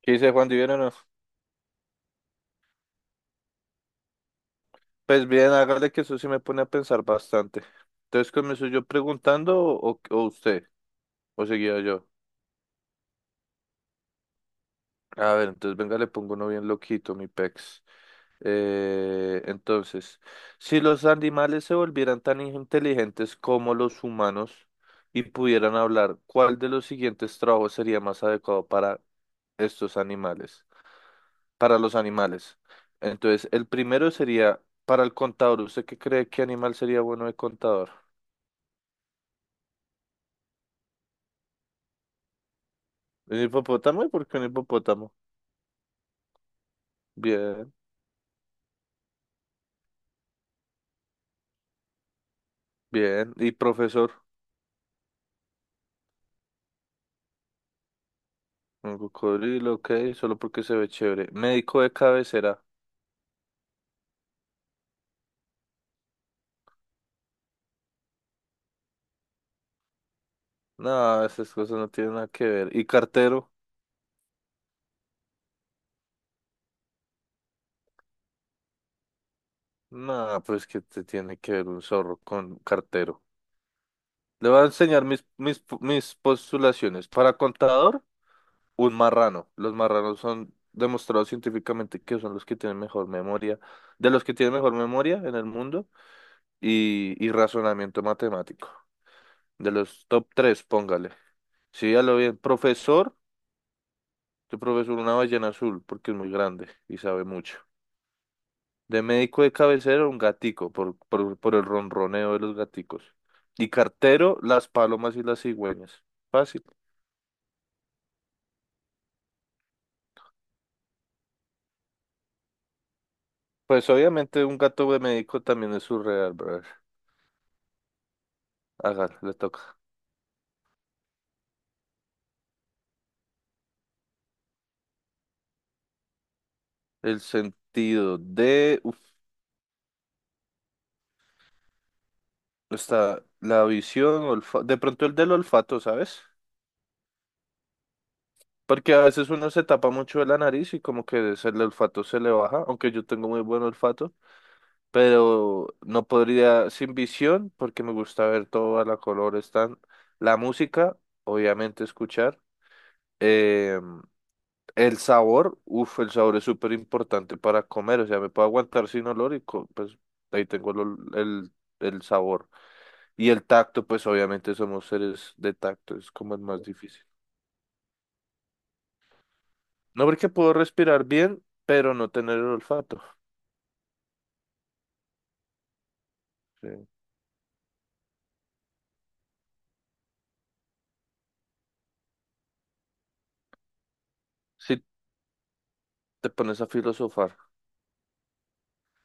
¿Qué dice Juan Divino? No. Pues bien, hágale que eso sí me pone a pensar bastante. Entonces, ¿comienzo yo preguntando o usted? ¿O seguía yo? A ver, entonces venga, le pongo uno bien loquito, mi pex. Entonces, si los animales se volvieran tan inteligentes como los humanos y pudieran hablar, ¿cuál de los siguientes trabajos sería más adecuado para estos animales? Para los animales. Entonces, el primero sería para el contador. ¿Usted qué cree que animal sería bueno de contador? ¿Un hipopótamo? ¿Y por qué un hipopótamo? Bien, bien. ¿Y profesor? Un cocodrilo, ok, solo porque se ve chévere. ¿Médico de cabecera? No, esas cosas no tienen nada que ver. ¿Y cartero? No, pues que te tiene que ver un zorro con cartero. Le voy a enseñar mis postulaciones. Para contador, un marrano. Los marranos son demostrados científicamente que son los que tienen mejor memoria, de los que tienen mejor memoria en el mundo y razonamiento matemático. De los top tres, póngale. Sí, ya lo bien. Profesor, tu profesor una ballena azul porque es muy grande y sabe mucho. De médico de cabecera, un gatico por el ronroneo de los gaticos. Y cartero, las palomas y las cigüeñas. Fácil. Pues obviamente un gato de médico también es surreal, brother. Hágale, le toca. El sentido de, uf, está la visión, olfa- de pronto el del olfato, ¿sabes? Porque a veces uno se tapa mucho de la nariz y como que se- el olfato se le baja, aunque yo tengo muy buen olfato, pero no podría sin visión porque me gusta ver todo a la color, están la música, obviamente escuchar, eh, el sabor, uff, el sabor es súper importante para comer, o sea, me puedo aguantar sin olor y pues ahí tengo el sabor. Y el tacto, pues obviamente somos seres de tacto, es como el más difícil. No porque puedo respirar bien, pero no tener el olfato. Sí. Si te pones a filosofar,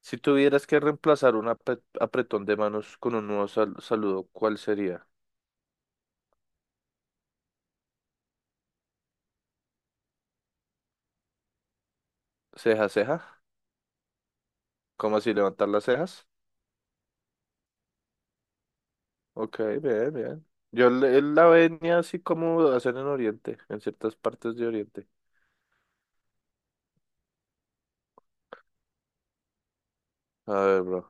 si tuvieras que reemplazar un apretón de manos con un nuevo saludo, ¿cuál sería? ¿Ceja, ceja? ¿Cómo así levantar las cejas? Ok, bien, bien. Yo la venía así como hacen en Oriente, en ciertas partes de Oriente. A ver, bro.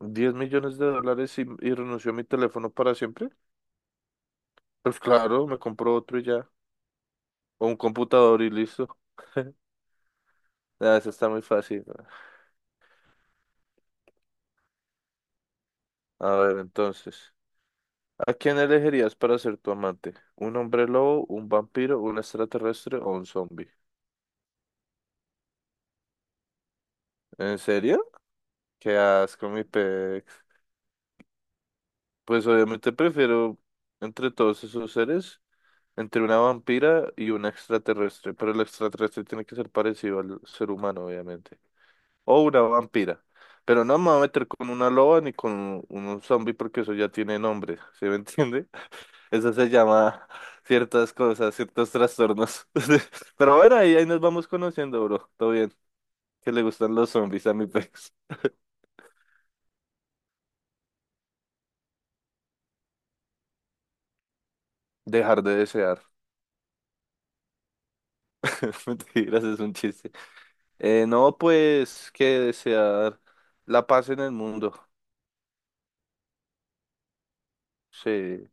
¿10 millones de dólares y renuncio a mi teléfono para siempre? Pues claro, me compro otro y ya. O un computador y listo. Ah, eso está muy fácil, ¿no? A ver, entonces. ¿A quién elegirías para ser tu amante? ¿Un hombre lobo, un vampiro, un extraterrestre o un zombie? ¿En serio? Qué asco, mi pex. Pues obviamente prefiero entre todos esos seres, entre una vampira y un extraterrestre. Pero el extraterrestre tiene que ser parecido al ser humano, obviamente. O una vampira. Pero no me voy a meter con una loba ni con un zombie porque eso ya tiene nombre. ¿Sí me entiende? Eso se llama ciertas cosas, ciertos trastornos. Pero bueno, ahí nos vamos conociendo, bro. Todo bien. Que le gustan los zombies a mi pez. Dejar de desear. Mentiras, es un chiste. No, pues que desear la paz en el mundo. Sí,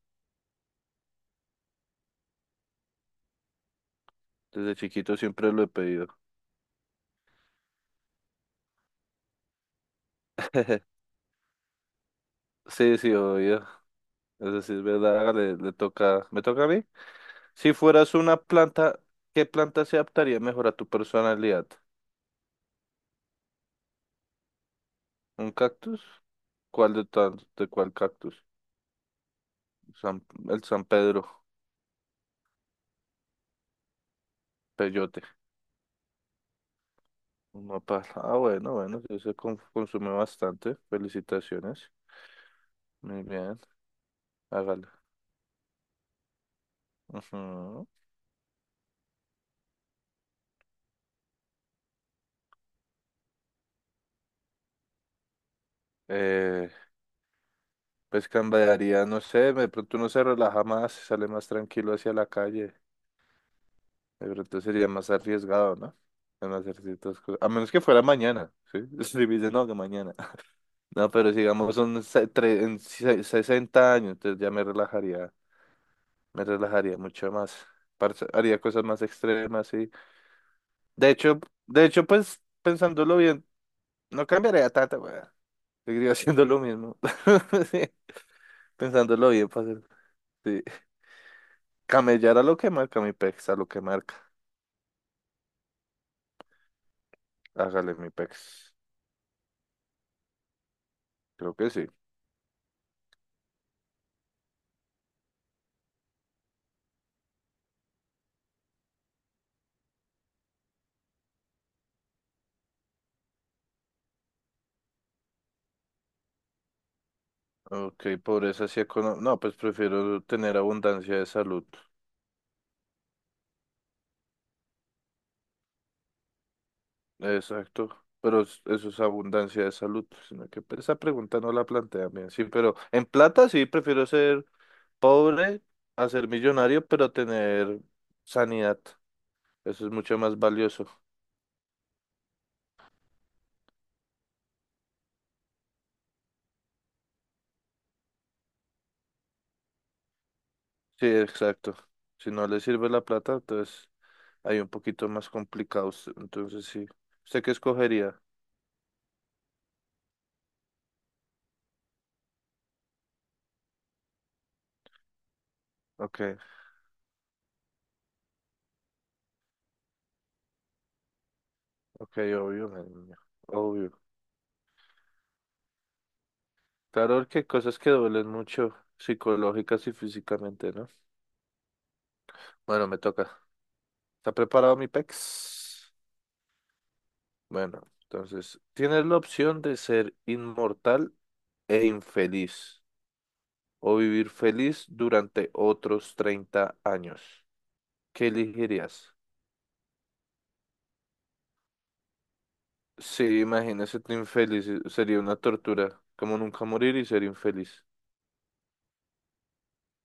desde chiquito siempre lo he pedido. Sí, sí, obvio. Eso sí es verdad. Le toca. ¿Me toca a mí? Si fueras una planta, ¿qué planta se adaptaría mejor a tu personalidad? ¿Un cactus? ¿Cuál de, tantos? ¿De cuál cactus? San- el San Pedro, peyote, un nopal. Ah, bueno, bueno, sí se consume bastante. Felicitaciones. Muy bien, hágalo. Ujú. Eh, pues cambiaría, no sé, de pronto uno se relaja más, sale más tranquilo hacia la calle. De pronto sería más arriesgado, ¿no? En hacer ciertas cosas. A menos que fuera mañana, ¿sí? Si me dice, no, que mañana. No, pero sigamos, son 60 años, entonces ya me relajaría mucho más, parce, haría cosas más extremas y... De hecho, de hecho, pues, pensándolo bien, no cambiaría tanto, weón. Seguiría haciendo lo mismo. Sí, pensándolo bien, parce, sí. Camellar a lo que marca mi pex, a lo que marca. Hágale, mi pex. Creo que sí. Ok, pobreza sí económica. No, pues prefiero tener abundancia de salud. Exacto. Pero eso es abundancia de salud. Sino que pues, esa pregunta no la plantea bien. Sí, pero en plata sí prefiero ser pobre a ser millonario, pero tener sanidad. Eso es mucho más valioso. Sí, exacto. Si no le sirve la plata, entonces hay un poquito más complicados. Entonces sí. ¿Usted qué escogería? Ok, ok, obvio, mi niño, obvio. Claro que hay cosas que duelen mucho psicológicas y físicamente, ¿no? Bueno, me toca. ¿Está preparado mi pex? Bueno, entonces, tienes la opción de ser inmortal e infeliz, o vivir feliz durante otros 30 años. ¿Qué elegirías? Sí, imagínese ser infeliz, sería una tortura, como nunca morir y ser infeliz.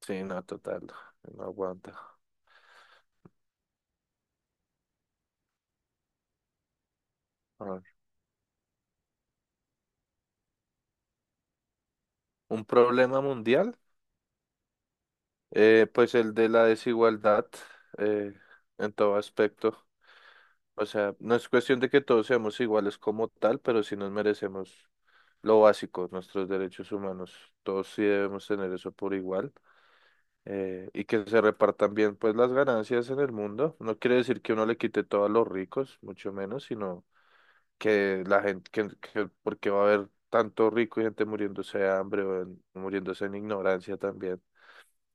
Sí, no, total, no aguanta. A ver, ¿un problema mundial? Pues el de la desigualdad, eh, en todo aspecto. O sea, no es cuestión de que todos seamos iguales como tal, pero sí nos merecemos lo básico, nuestros derechos humanos. Todos sí debemos tener eso por igual. Y que se repartan bien pues las ganancias en el mundo. No quiere decir que uno le quite todo a los ricos, mucho menos, sino que la gente, que- porque va a haber tanto rico y gente muriéndose de hambre o en- muriéndose en ignorancia también.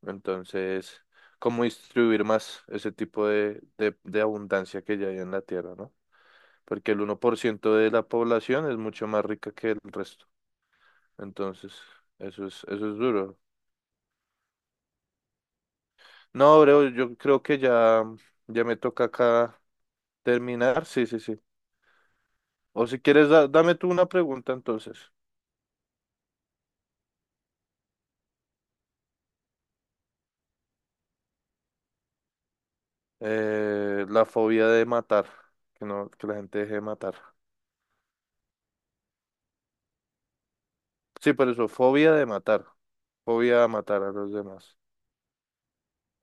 Entonces, ¿cómo distribuir más ese tipo de abundancia que ya hay en la tierra, ¿no? Porque el 1% de la población es mucho más rica que el resto. Entonces, eso es duro. No, bro, yo creo que ya me toca acá terminar, sí, sí, sí. O si quieres, dame tú una pregunta entonces. La fobia de matar, que no, que la gente deje de matar. Sí, por eso, fobia de matar, fobia a matar a los demás.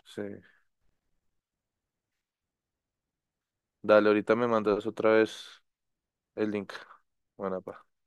Sí. Dale, ahorita me mandas otra vez el link. Buena, pa.